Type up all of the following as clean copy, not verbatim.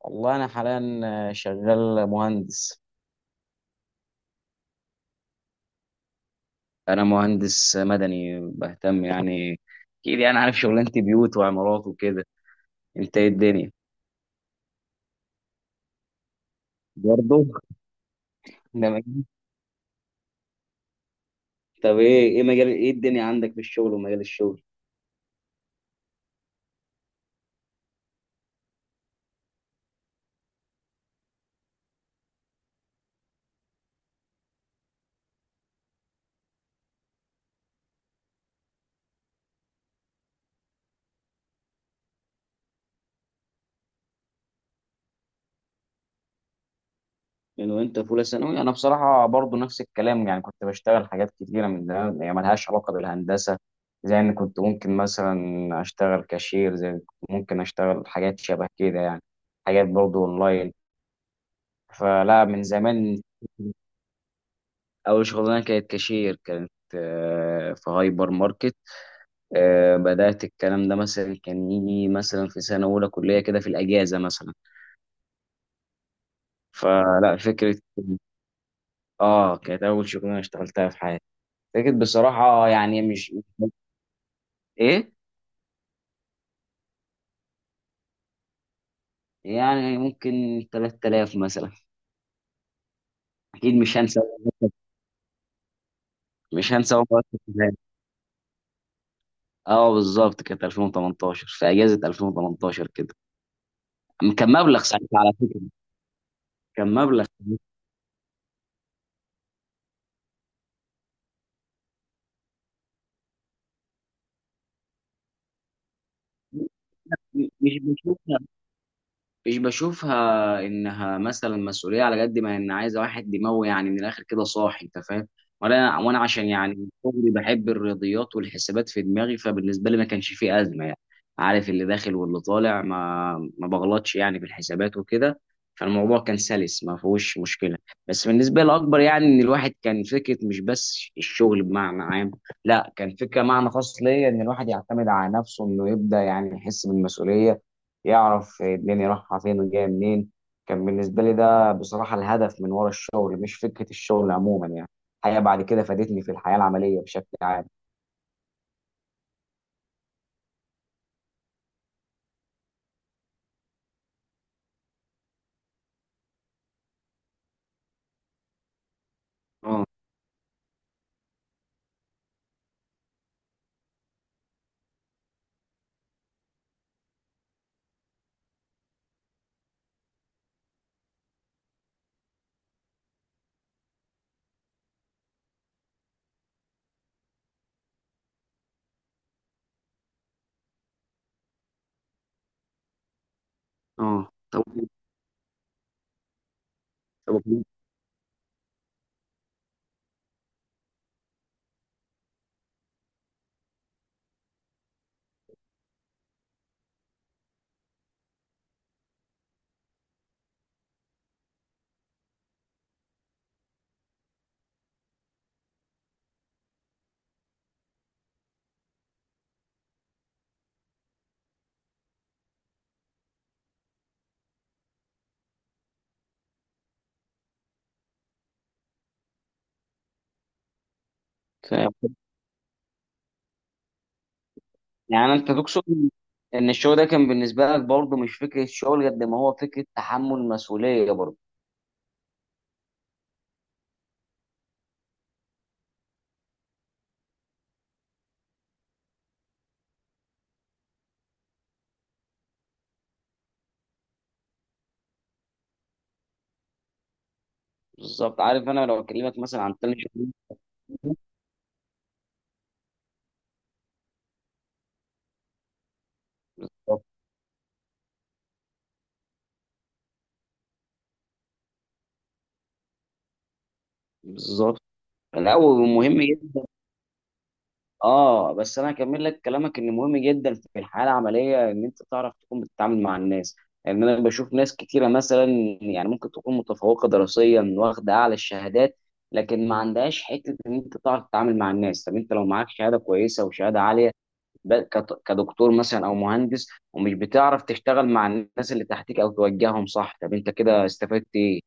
والله أنا حاليا شغال مهندس. أنا مهندس مدني بهتم، يعني أكيد يعني عارف شغلانتي، بيوت وعمارات وكده. أنت إيه الدنيا؟ برضه ده مجال. طب إيه مجال، إيه الدنيا عندك في الشغل ومجال الشغل؟ من وأنت في أولى ثانوي أنا بصراحة برضه نفس الكلام، يعني كنت بشتغل حاجات كتيرة من ده يعني ملهاش علاقة بالهندسة. زي إن كنت ممكن مثلا أشتغل كاشير، زي إن كنت ممكن أشتغل حاجات شبه كده يعني، حاجات برضه أونلاين. فلا من زمان، أول شغلانة كانت كاشير، كانت في هايبر ماركت. بدأت الكلام ده مثلا، كان يجي مثلا في سنة أولى كلية كده في الأجازة مثلا. فلا فكرة. كانت أول شغلانة اشتغلتها في حياتي. فكرة بصراحة يعني مش إيه، يعني ممكن 3000 مثلا. أكيد مش هنسى، أول مرة كنت هناك. بالظبط كانت 2018، في أجازة 2018 كده. كان مبلغ ساعتها على فكرة، كان مبلغ مش... مش بشوف مش بشوفها انها مثلا مسؤوليه، على قد ما ان عايزه واحد دماغه، يعني من الاخر كده صاحي، انت فاهم. وانا عشان يعني من صغري بحب الرياضيات والحسابات في دماغي، فبالنسبه لي ما كانش فيه ازمه يعني. عارف اللي داخل واللي طالع، ما بغلطش يعني في الحسابات وكده. فالموضوع كان سلس، ما فيهوش مشكله. بس بالنسبه لي الاكبر يعني ان الواحد كان فكره مش بس الشغل بمعنى عام، لا كان فكره معنى خاص ليا، ان الواحد يعتمد على نفسه، انه يبدا يعني يحس بالمسؤوليه، يعرف الدنيا رايحة فين وجاية منين. كان بالنسبة لي ده بصراحة الهدف من ورا الشغل، مش فكرة الشغل عموما يعني. الحقيقة بعد كده فادتني في الحياة العملية بشكل عام. اه اه. طب طب. يعني انت تقصد ان الشغل ده كان بالنسبه لك برضه مش فكره شغل قد ما هو فكره تحمل مسؤوليه برضه. بالظبط. عارف انا لو اكلمك مثلا عن تاني شغل، بالظبط الاول مهم. اه، بس انا هكمل لك كلامك، ان مهم جدا في الحياه العمليه ان انت تعرف تكون بتتعامل مع الناس. يعني انا بشوف ناس كتيره مثلا، يعني ممكن تكون متفوقه دراسيا واخده اعلى الشهادات، لكن ما عندهاش حته ان انت تعرف تتعامل مع الناس. طب انت لو معاك شهاده كويسه وشهاده عاليه، كدكتور مثلا او مهندس، ومش بتعرف تشتغل مع الناس اللي تحتك او توجههم صح، طب انت كده استفدت ايه؟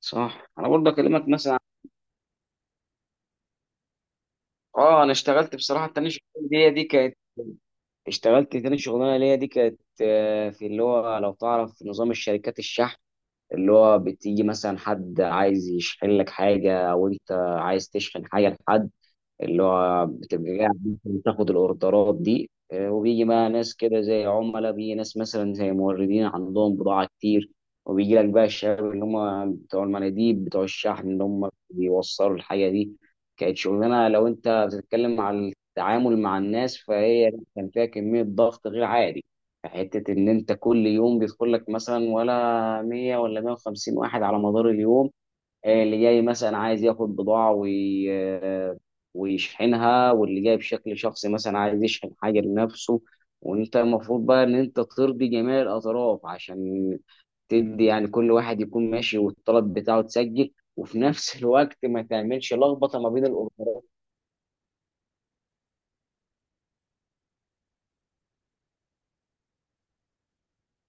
صح. انا برضه اكلمك مثلا، اه، انا اشتغلت بصراحه التانية شغلانة دي كانت... اشتغلت تاني شغلانه ليا، دي كانت في اللي هو، لو تعرف نظام الشركات الشحن، اللي هو بتيجي مثلا حد عايز يشحن لك حاجه، او انت عايز تشحن حاجه لحد، اللي هو بتبقى قاعد مثلا تاخد الاوردرات دي. وبيجي بقى ناس كده زي عملاء، بيجي ناس مثلا زي موردين عندهم بضاعة كتير، وبيجي لك بقى الشباب اللي هم بتوع المناديب بتوع الشحن، اللي هم بيوصلوا الحاجة دي. كانت شغلانة، لو انت بتتكلم على التعامل مع الناس، فهي كان فيها كمية ضغط غير عادي. حتة إن أنت كل يوم بيدخل لك مثلا ولا 100 ولا 150 واحد على مدار اليوم. اللي جاي مثلا عايز ياخد بضاعة وي... آه، ويشحنها، واللي جاي بشكل شخصي مثلا عايز يشحن حاجة لنفسه، وانت المفروض بقى ان انت ترضي جميع الاطراف، عشان تدي يعني كل واحد يكون ماشي والطلب بتاعه تسجل، وفي نفس الوقت ما تعملش لخبطة ما بين الاوردرات.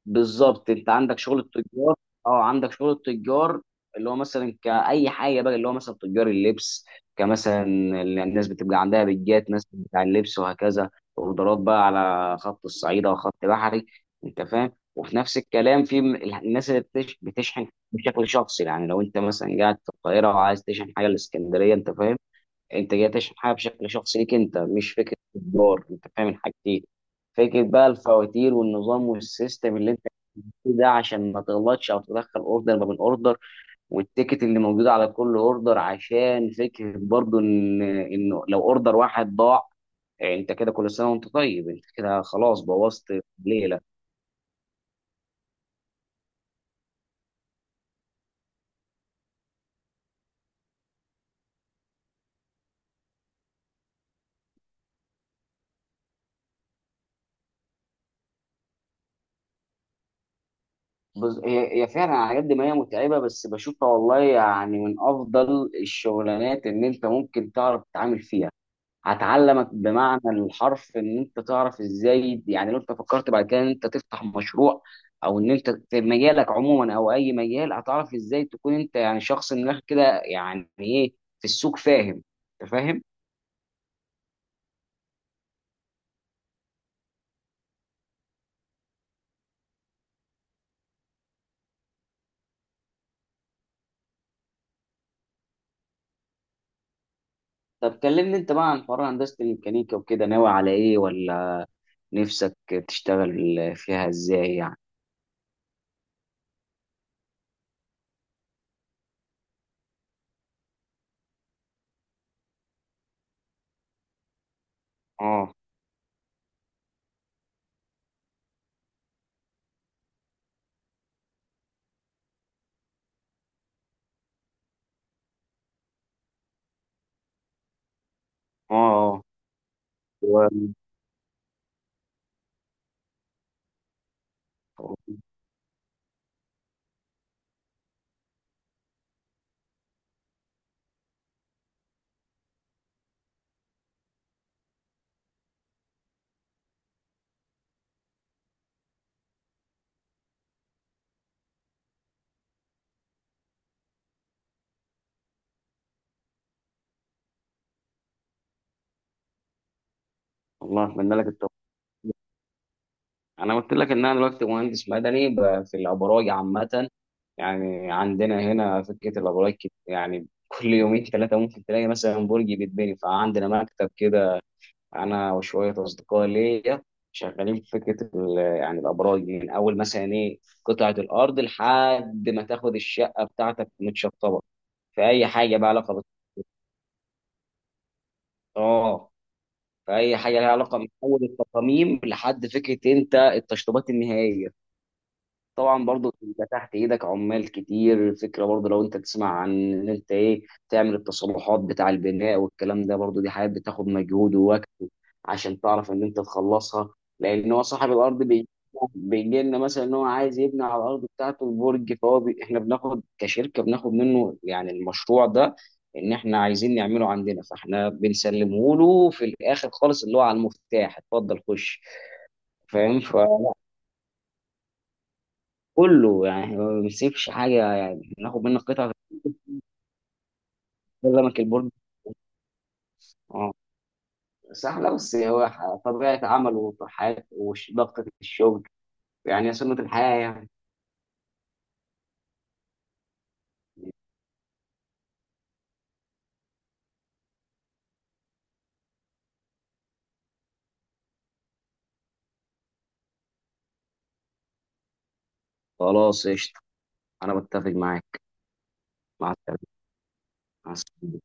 بالظبط. انت عندك شغل التجار، اه عندك شغل التجار، اللي هو مثلا كأي حاجه بقى، اللي هو مثلا تجار اللبس، كمثلا الناس بتبقى عندها بيجات ناس بتاع اللبس وهكذا. اوردرات بقى على خط الصعيدة وخط بحري، انت فاهم. وفي نفس الكلام في الناس بتشحن بشكل شخصي، يعني لو انت مثلا قاعد في القاهره وعايز تشحن حاجه الاسكندريه، انت فاهم. انت جاي تشحن حاجه بشكل شخصي ليك انت، مش فكره تجار، انت فاهم الحاجتين. فكره بقى الفواتير والنظام والسيستم اللي ده، عشان ما تغلطش او تدخل اوردر ما بين اوردر، والتيكت اللي موجود على كل اوردر، عشان فكره برضو ان انه لو اوردر واحد ضاع، انت كده كل سنه وانت طيب، انت كده خلاص بوظت ليله. بص هي فعلا على قد ما هي متعبه، بس بشوفها والله يعني من افضل الشغلانات ان انت ممكن تعرف تتعامل فيها. هتعلمك بمعنى الحرف ان انت تعرف ازاي، يعني لو انت فكرت بعد كده ان انت تفتح مشروع، او ان انت في مجالك عموما او اي مجال، هتعرف ازاي تكون انت يعني شخص من الاخر كده يعني ايه في السوق، فاهم؟ انت فاهم. طب كلمني انت بقى عن حوار هندسة الميكانيكا وكده، ناوي على ايه، ولا نفسك تشتغل فيها ازاي يعني؟ اه. اه. آه. و- والله اتمنى لك التوفيق. انا قلت لك ان انا دلوقتي مهندس مدني، في الابراج عامه. يعني عندنا هنا فكره الابراج يعني كل يومين ثلاثه ممكن تلاقي مثلا برج بيتبني. فعندنا مكتب كده، انا وشويه اصدقاء ليا، شغالين في فكره يعني الابراج دي. من اول مثلا ايه قطعه الارض، لحد ما تاخد الشقه بتاعتك متشطبه. في اي حاجه بقى علاقه اه، في اي حاجه لها علاقه، من اول التصاميم لحد فكره انت التشطيبات النهائيه. طبعا برضو انت تحت ايدك عمال كتير. الفكره برضو لو انت تسمع عن ان انت ايه، تعمل التصلحات بتاع البناء والكلام ده، برضو دي حاجات بتاخد مجهود ووقت عشان تعرف ان انت تخلصها. لان هو صاحب الارض بيجي لنا مثلا ان هو عايز يبني على الارض بتاعته البرج، احنا بناخد كشركه، بناخد منه يعني المشروع ده، ان احنا عايزين نعمله عندنا، فاحنا بنسلمه له في الاخر خالص، اللي هو على المفتاح اتفضل خش. فاهم. كله يعني هو ما بيسيبش حاجه، يعني ناخد منه قطعه غير لمك البرج. اه صح. لا، بس هو طبيعه عمله وطحات وضغطه الشغل، يعني هي سنه الحياه يعني. خلاص قشطه. انا بتفق معاك. مع السلامه. مع السلامة.